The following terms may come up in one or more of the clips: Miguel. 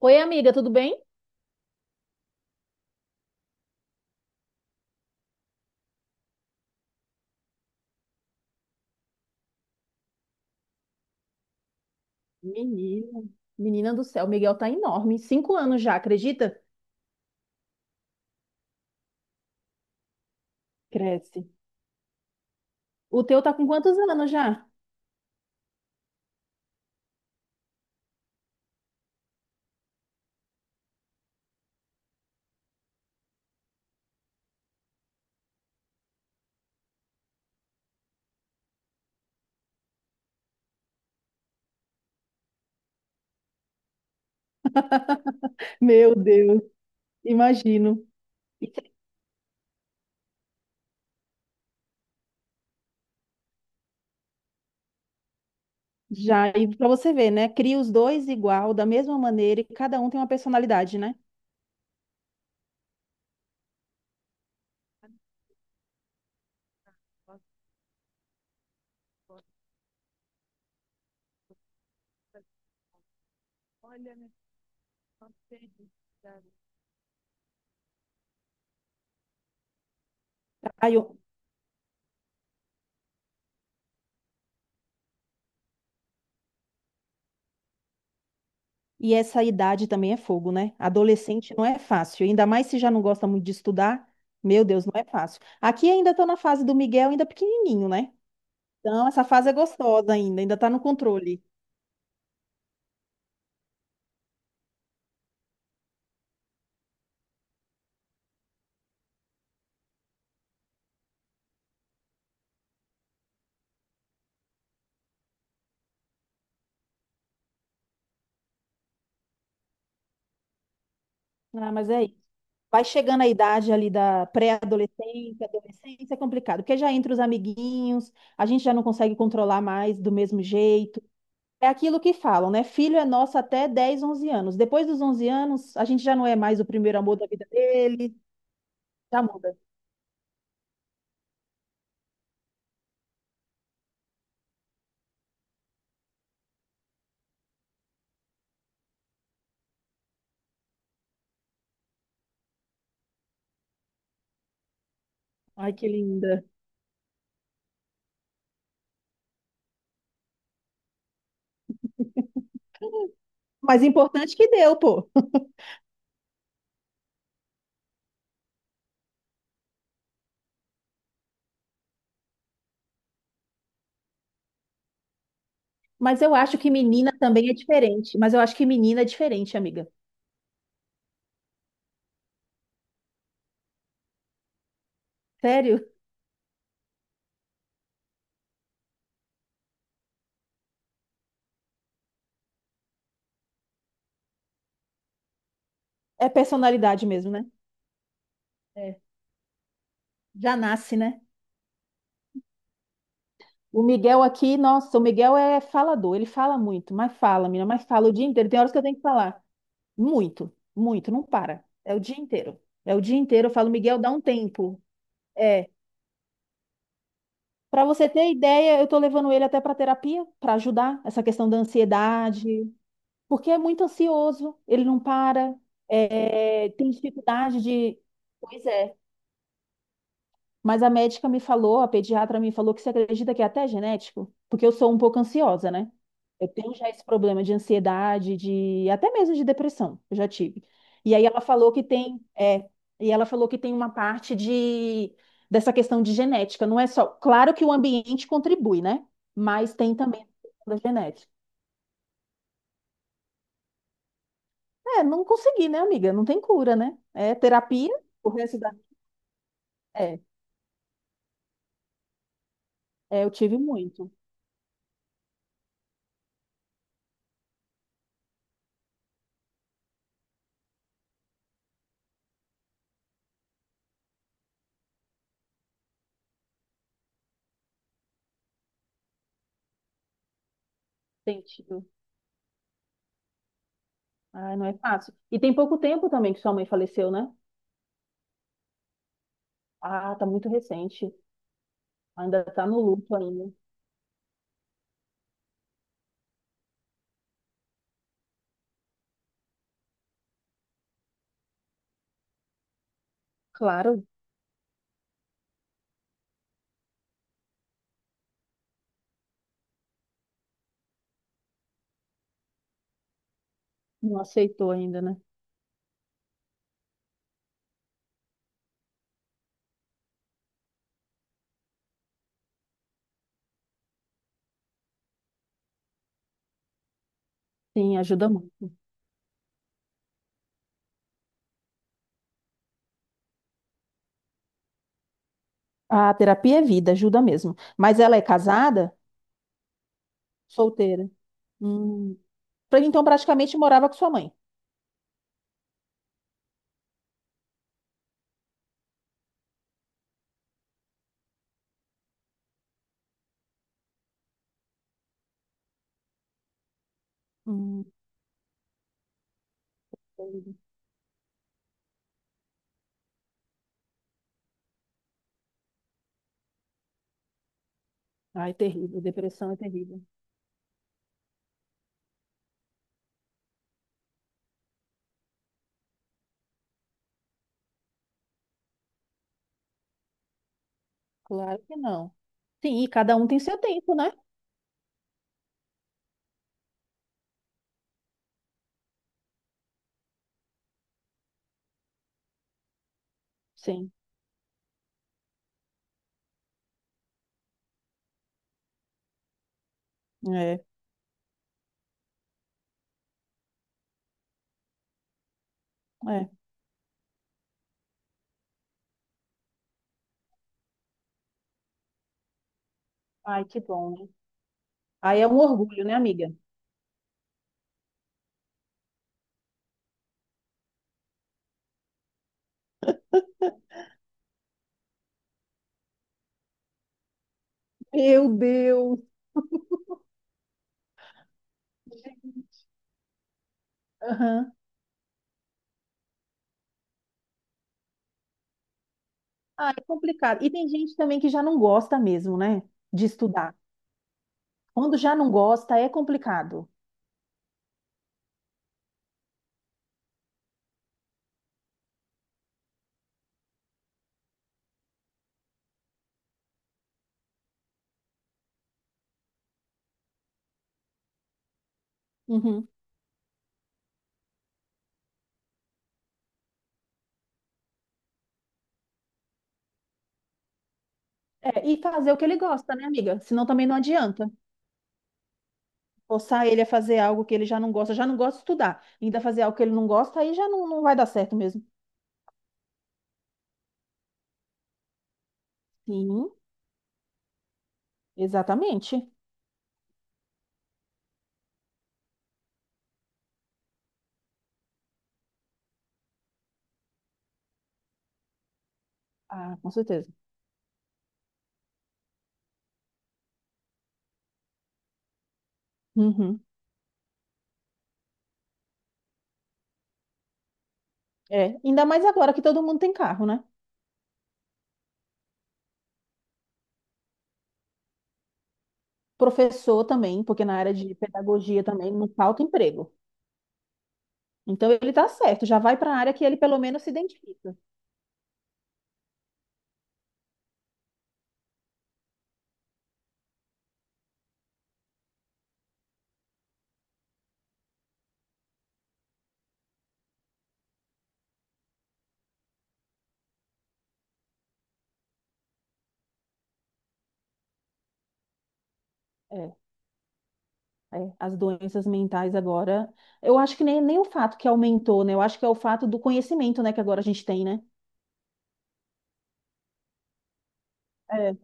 Oi, amiga, tudo bem? Menina, Menina do céu, o Miguel tá enorme. 5 anos já, acredita? Cresce. O teu tá com quantos anos já? Meu Deus, imagino. E- Já, e pra você ver, né? Cria os dois igual, da mesma maneira, e cada um tem uma personalidade, né? Olha, Ai, eu- E essa idade também é fogo, né? Adolescente não é fácil, ainda mais se já não gosta muito de estudar. Meu Deus, não é fácil. Aqui ainda tô na fase do Miguel, ainda pequenininho, né? Então, essa fase é gostosa ainda, ainda está no controle. Ah, mas é isso. Vai chegando a idade ali da pré-adolescência, adolescência é complicado, porque já entra os amiguinhos, a gente já não consegue controlar mais do mesmo jeito. É aquilo que falam, né? Filho é nosso até 10, 11 anos. Depois dos 11 anos, a gente já não é mais o primeiro amor da vida dele, já muda. Ai, que linda. Mas importante que deu, pô. Mas eu acho que menina também é diferente. Mas eu acho que menina é diferente, amiga. Sério? É personalidade mesmo, né? É. Já nasce, né? O Miguel aqui, nossa, o Miguel é falador, ele fala muito, mas fala, menina, mas fala o dia inteiro. Tem horas que eu tenho que falar. Muito, muito, não para. É o dia inteiro. É o dia inteiro. Eu falo, Miguel, dá um tempo. É. Para você ter ideia, eu tô levando ele até para terapia para ajudar essa questão da ansiedade, porque é muito ansioso, ele não para, é, tem dificuldade de. Pois é. Mas a médica me falou, a pediatra me falou que você acredita que é até genético? Porque eu sou um pouco ansiosa, né? Eu tenho já esse problema de ansiedade, de até mesmo de depressão, eu já tive. E aí ela falou que tem, e ela falou que tem uma parte de dessa questão de genética, não é só, claro que o ambiente contribui, né? Mas tem também a questão da genética. É, não consegui, né, amiga? Não tem cura, né? É terapia, o resto da... É, é, eu tive muito. Tem Ah, não é fácil. E tem pouco tempo também que sua mãe faleceu, né? Ah, tá muito recente. Ainda tá no luto ainda. Claro, não aceitou ainda, né? Sim, ajuda muito. A terapia é vida, ajuda mesmo. Mas ela é casada? Solteira. Hum. Então praticamente morava com sua mãe. Hum. Terrível. Ai, terrível. Depressão é terrível. Claro que não. Sim, e cada um tem seu tempo, né? Sim. É, é. Ai, que bom, né? Aí é um orgulho, né, amiga? Meu Deus! Aham. Ah, é complicado. E tem gente também que já não gosta mesmo, né? De estudar. Quando já não gosta, é complicado. Uhum. É, e fazer o que ele gosta, né, amiga? Senão também não adianta. Forçar ele a fazer algo que ele já não gosta de estudar. Ainda fazer algo que ele não gosta, aí já não, não vai dar certo mesmo. Sim, exatamente. Ah, com certeza. Uhum. É, ainda mais agora que todo mundo tem carro, né? Professor também, porque na área de pedagogia também não falta emprego. Então ele tá certo, já vai para a área que ele pelo menos se identifica. É. É, as doenças mentais agora, eu acho que nem o fato que aumentou, né? Eu acho que é o fato do conhecimento, né, que agora a gente tem, né? É,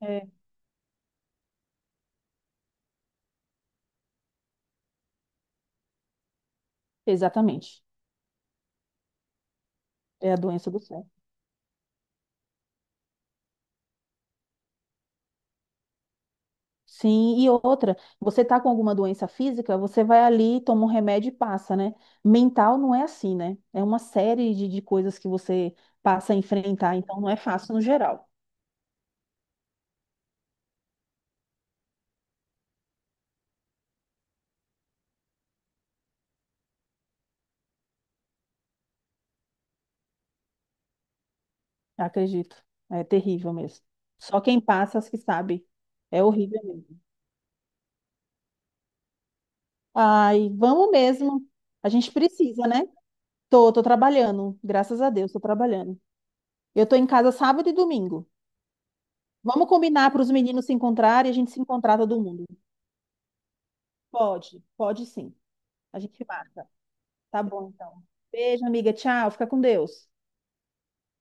é. Exatamente. É a doença do século. Sim, e outra, você tá com alguma doença física, você vai ali, toma um remédio e passa, né? Mental não é assim, né? É uma série de coisas que você passa a enfrentar, então não é fácil no geral, acredito. É terrível mesmo. Só quem passa as que sabe. É horrível mesmo. Ai, vamos mesmo. A gente precisa, né? Tô trabalhando, graças a Deus, tô trabalhando. Eu tô em casa sábado e domingo. Vamos combinar para os meninos se encontrarem e a gente se encontrar todo mundo. Pode, pode sim. A gente marca. Tá bom, então. Beijo, amiga. Tchau. Fica com Deus.